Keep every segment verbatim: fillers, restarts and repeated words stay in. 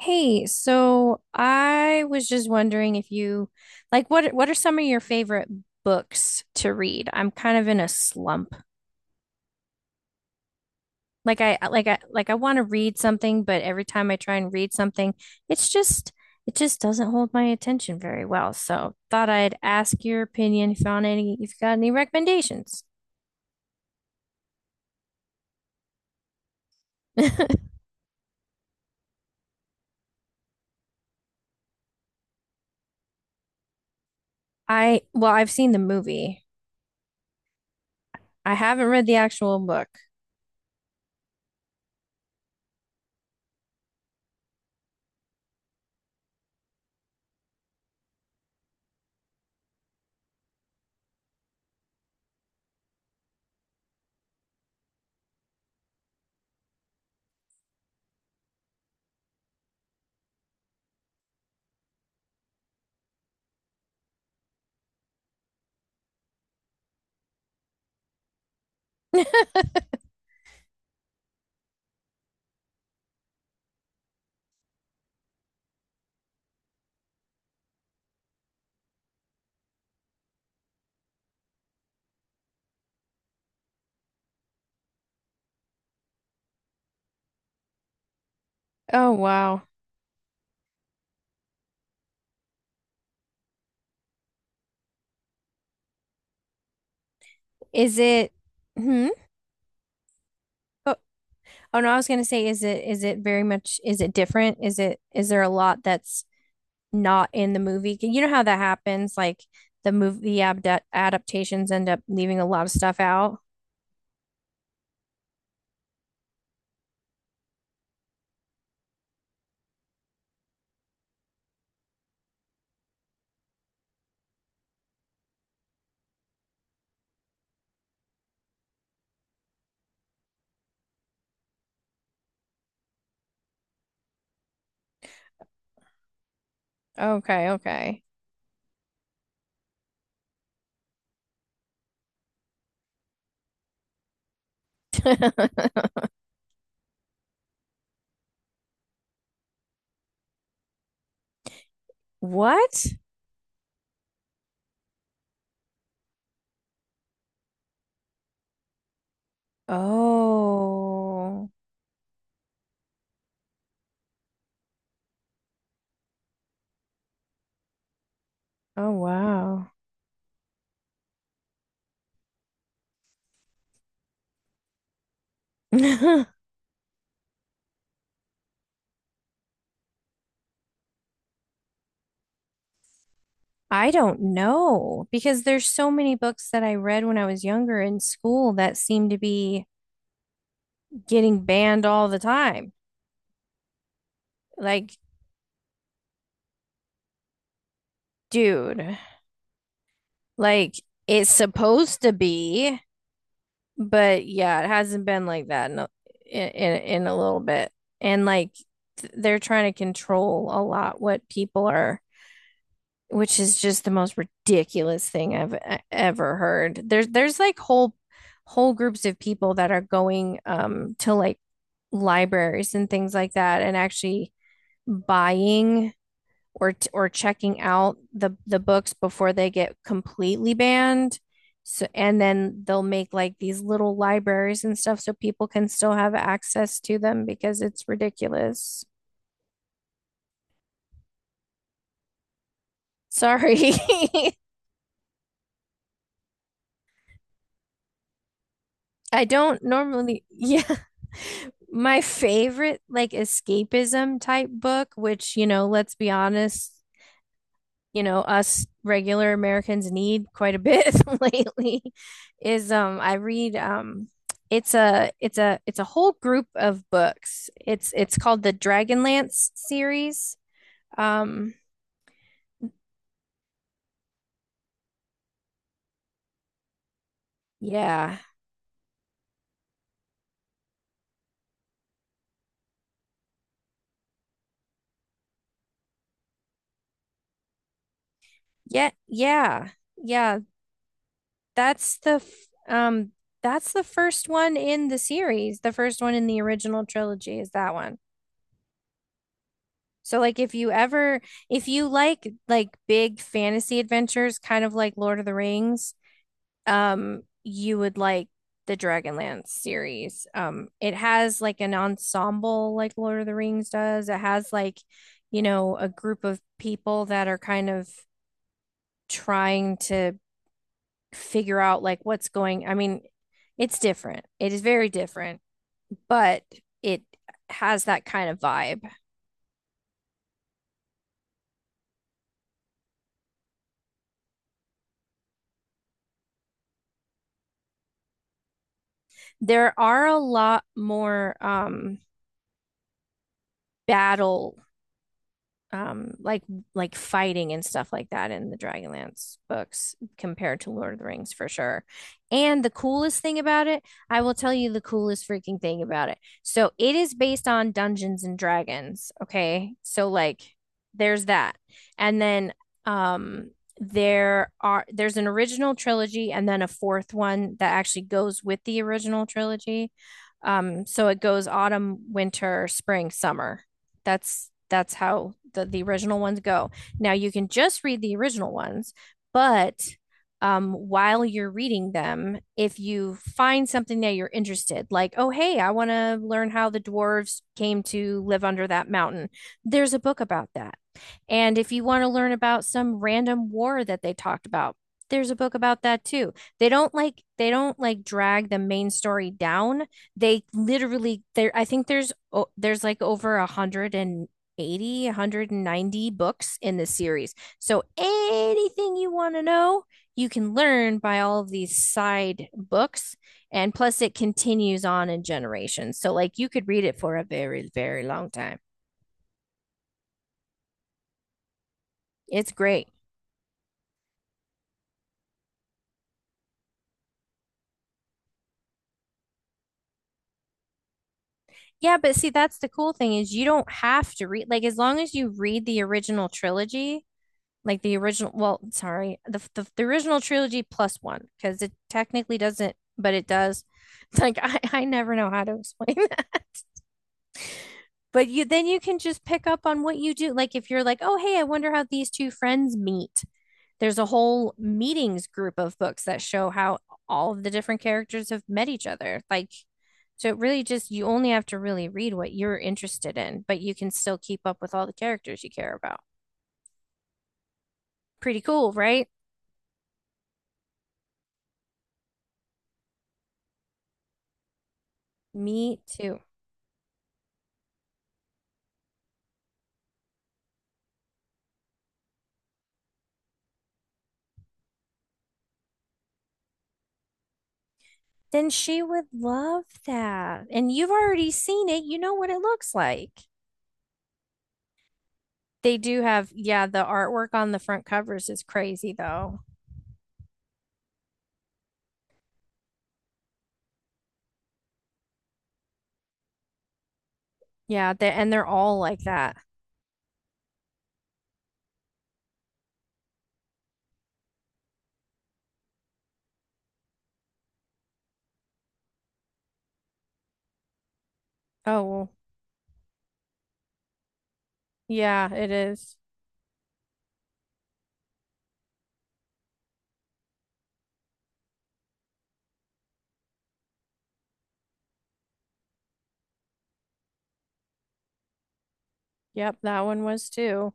Hey, so I was just wondering if you like what what are some of your favorite books to read? I'm kind of in a slump. Like I like I like I want to read something, but every time I try and read something, it's just it just doesn't hold my attention very well. So thought I'd ask your opinion if you on any if you got any recommendations. I well, I've seen the movie. I haven't read the actual book. Oh wow. Is it hmm? Oh no, I was gonna say, is it is it very much is it different? Is it is there a lot that's not in the movie? You know how that happens, like the movie abda- adaptations end up leaving a lot of stuff out. Okay, okay. What? Oh, oh wow. I don't know because there's so many books that I read when I was younger in school that seem to be getting banned all the time. Like, dude. Like it's supposed to be, but yeah, it hasn't been like that in a, in in a little bit. And like th- they're trying to control a lot what people are, which is just the most ridiculous thing I've e- ever heard. There's there's like whole whole groups of people that are going um to like libraries and things like that and actually buying or or checking out the the books before they get completely banned. So and then they'll make like these little libraries and stuff so people can still have access to them because it's ridiculous. Sorry. I don't normally, yeah. My favorite like escapism type book, which, you know, let's be honest, you know us regular Americans need quite a bit lately is um I read um it's a it's a it's a whole group of books. It's it's called the Dragonlance series. Um yeah. Yeah, yeah. Yeah, that's the f- um that's the first one in the series. The first one in the original trilogy is that one. So like if you ever if you like like big fantasy adventures kind of like Lord of the Rings, um you would like the Dragonlance series. Um it has like an ensemble like Lord of the Rings does. It has like, you know, a group of people that are kind of trying to figure out like what's going. I mean, it's different. It is very different, but it has that kind of vibe. There are a lot more um battle um like like fighting and stuff like that in the Dragonlance books compared to Lord of the Rings for sure. And the coolest thing about it, I will tell you the coolest freaking thing about it. So it is based on Dungeons and Dragons, okay? So like there's that. And then um there are there's an original trilogy and then a fourth one that actually goes with the original trilogy. Um so it goes autumn, winter, spring, summer, that's that's how the, the original ones go. Now you can just read the original ones, but um, while you're reading them, if you find something that you're interested, like, oh, hey, I want to learn how the dwarves came to live under that mountain, there's a book about that. And if you want to learn about some random war that they talked about, there's a book about that too. They don't like they don't like drag the main story down, they literally there I think there's oh, there's like over a hundred eighty, one hundred ninety books in this series. So anything you want to know, you can learn by all of these side books, and plus it continues on in generations. So like you could read it for a very very long time. It's great. Yeah, but see that's the cool thing is you don't have to read, like as long as you read the original trilogy, like the original, well sorry, the the, the original trilogy plus one because it technically doesn't but it does. It's like I, I never know how to explain that, but you then you can just pick up on what you do like, if you're like, oh hey, I wonder how these two friends meet, there's a whole meetings group of books that show how all of the different characters have met each other, like so it really just you only have to really read what you're interested in but you can still keep up with all the characters you care about, pretty cool right. Me too. Then she would love that. And you've already seen it. You know what it looks like. They do have, yeah, the artwork on the front covers is crazy though. Yeah, they, and they're all like that. Oh, well, yeah, it is. Yep, that one was too.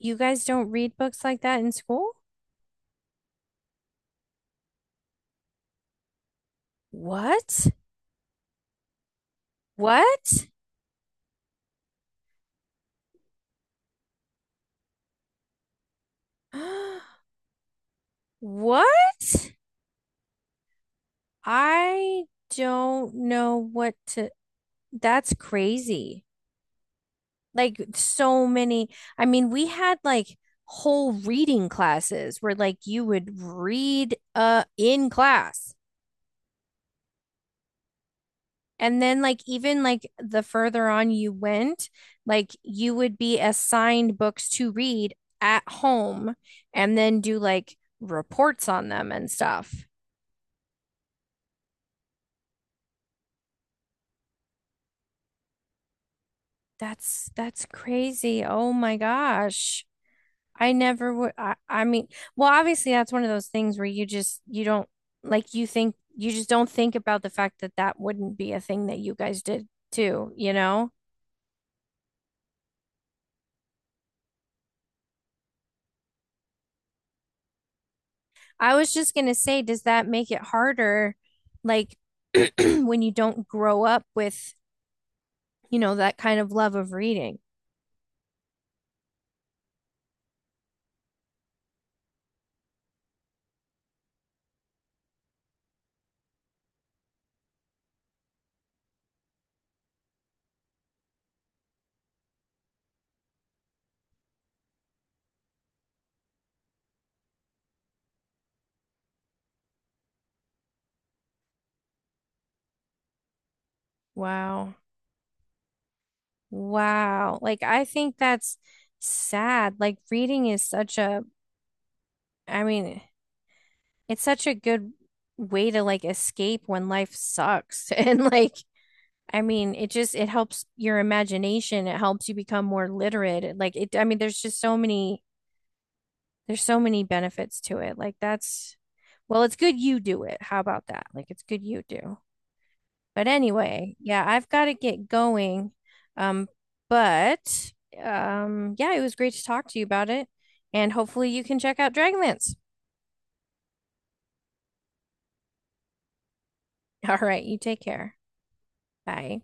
You guys don't read books like that in school? What? What? What? I don't know what to. That's crazy. Like so many. I mean, we had like whole reading classes where like you would read uh in class. And then like even like the further on you went, like you would be assigned books to read at home and then do like reports on them and stuff. That's that's crazy. Oh my gosh. I never would. I, I mean, well, obviously that's one of those things where you just you don't like you think you just don't think about the fact that that wouldn't be a thing that you guys did too, you know? I was just gonna say, does that make it harder, like when you don't grow up with, you know, that kind of love of reading? Wow. Wow. Like I think that's sad. Like reading is such a, I mean, it's such a good way to like escape when life sucks and like I mean it just it helps your imagination, it helps you become more literate, like it, I mean there's just so many, there's so many benefits to it, like that's, well it's good you do it, how about that, like it's good you do. But anyway, yeah I've got to get going, um but um yeah it was great to talk to you about it and hopefully you can check out Dragonlance. All right, you take care. Bye.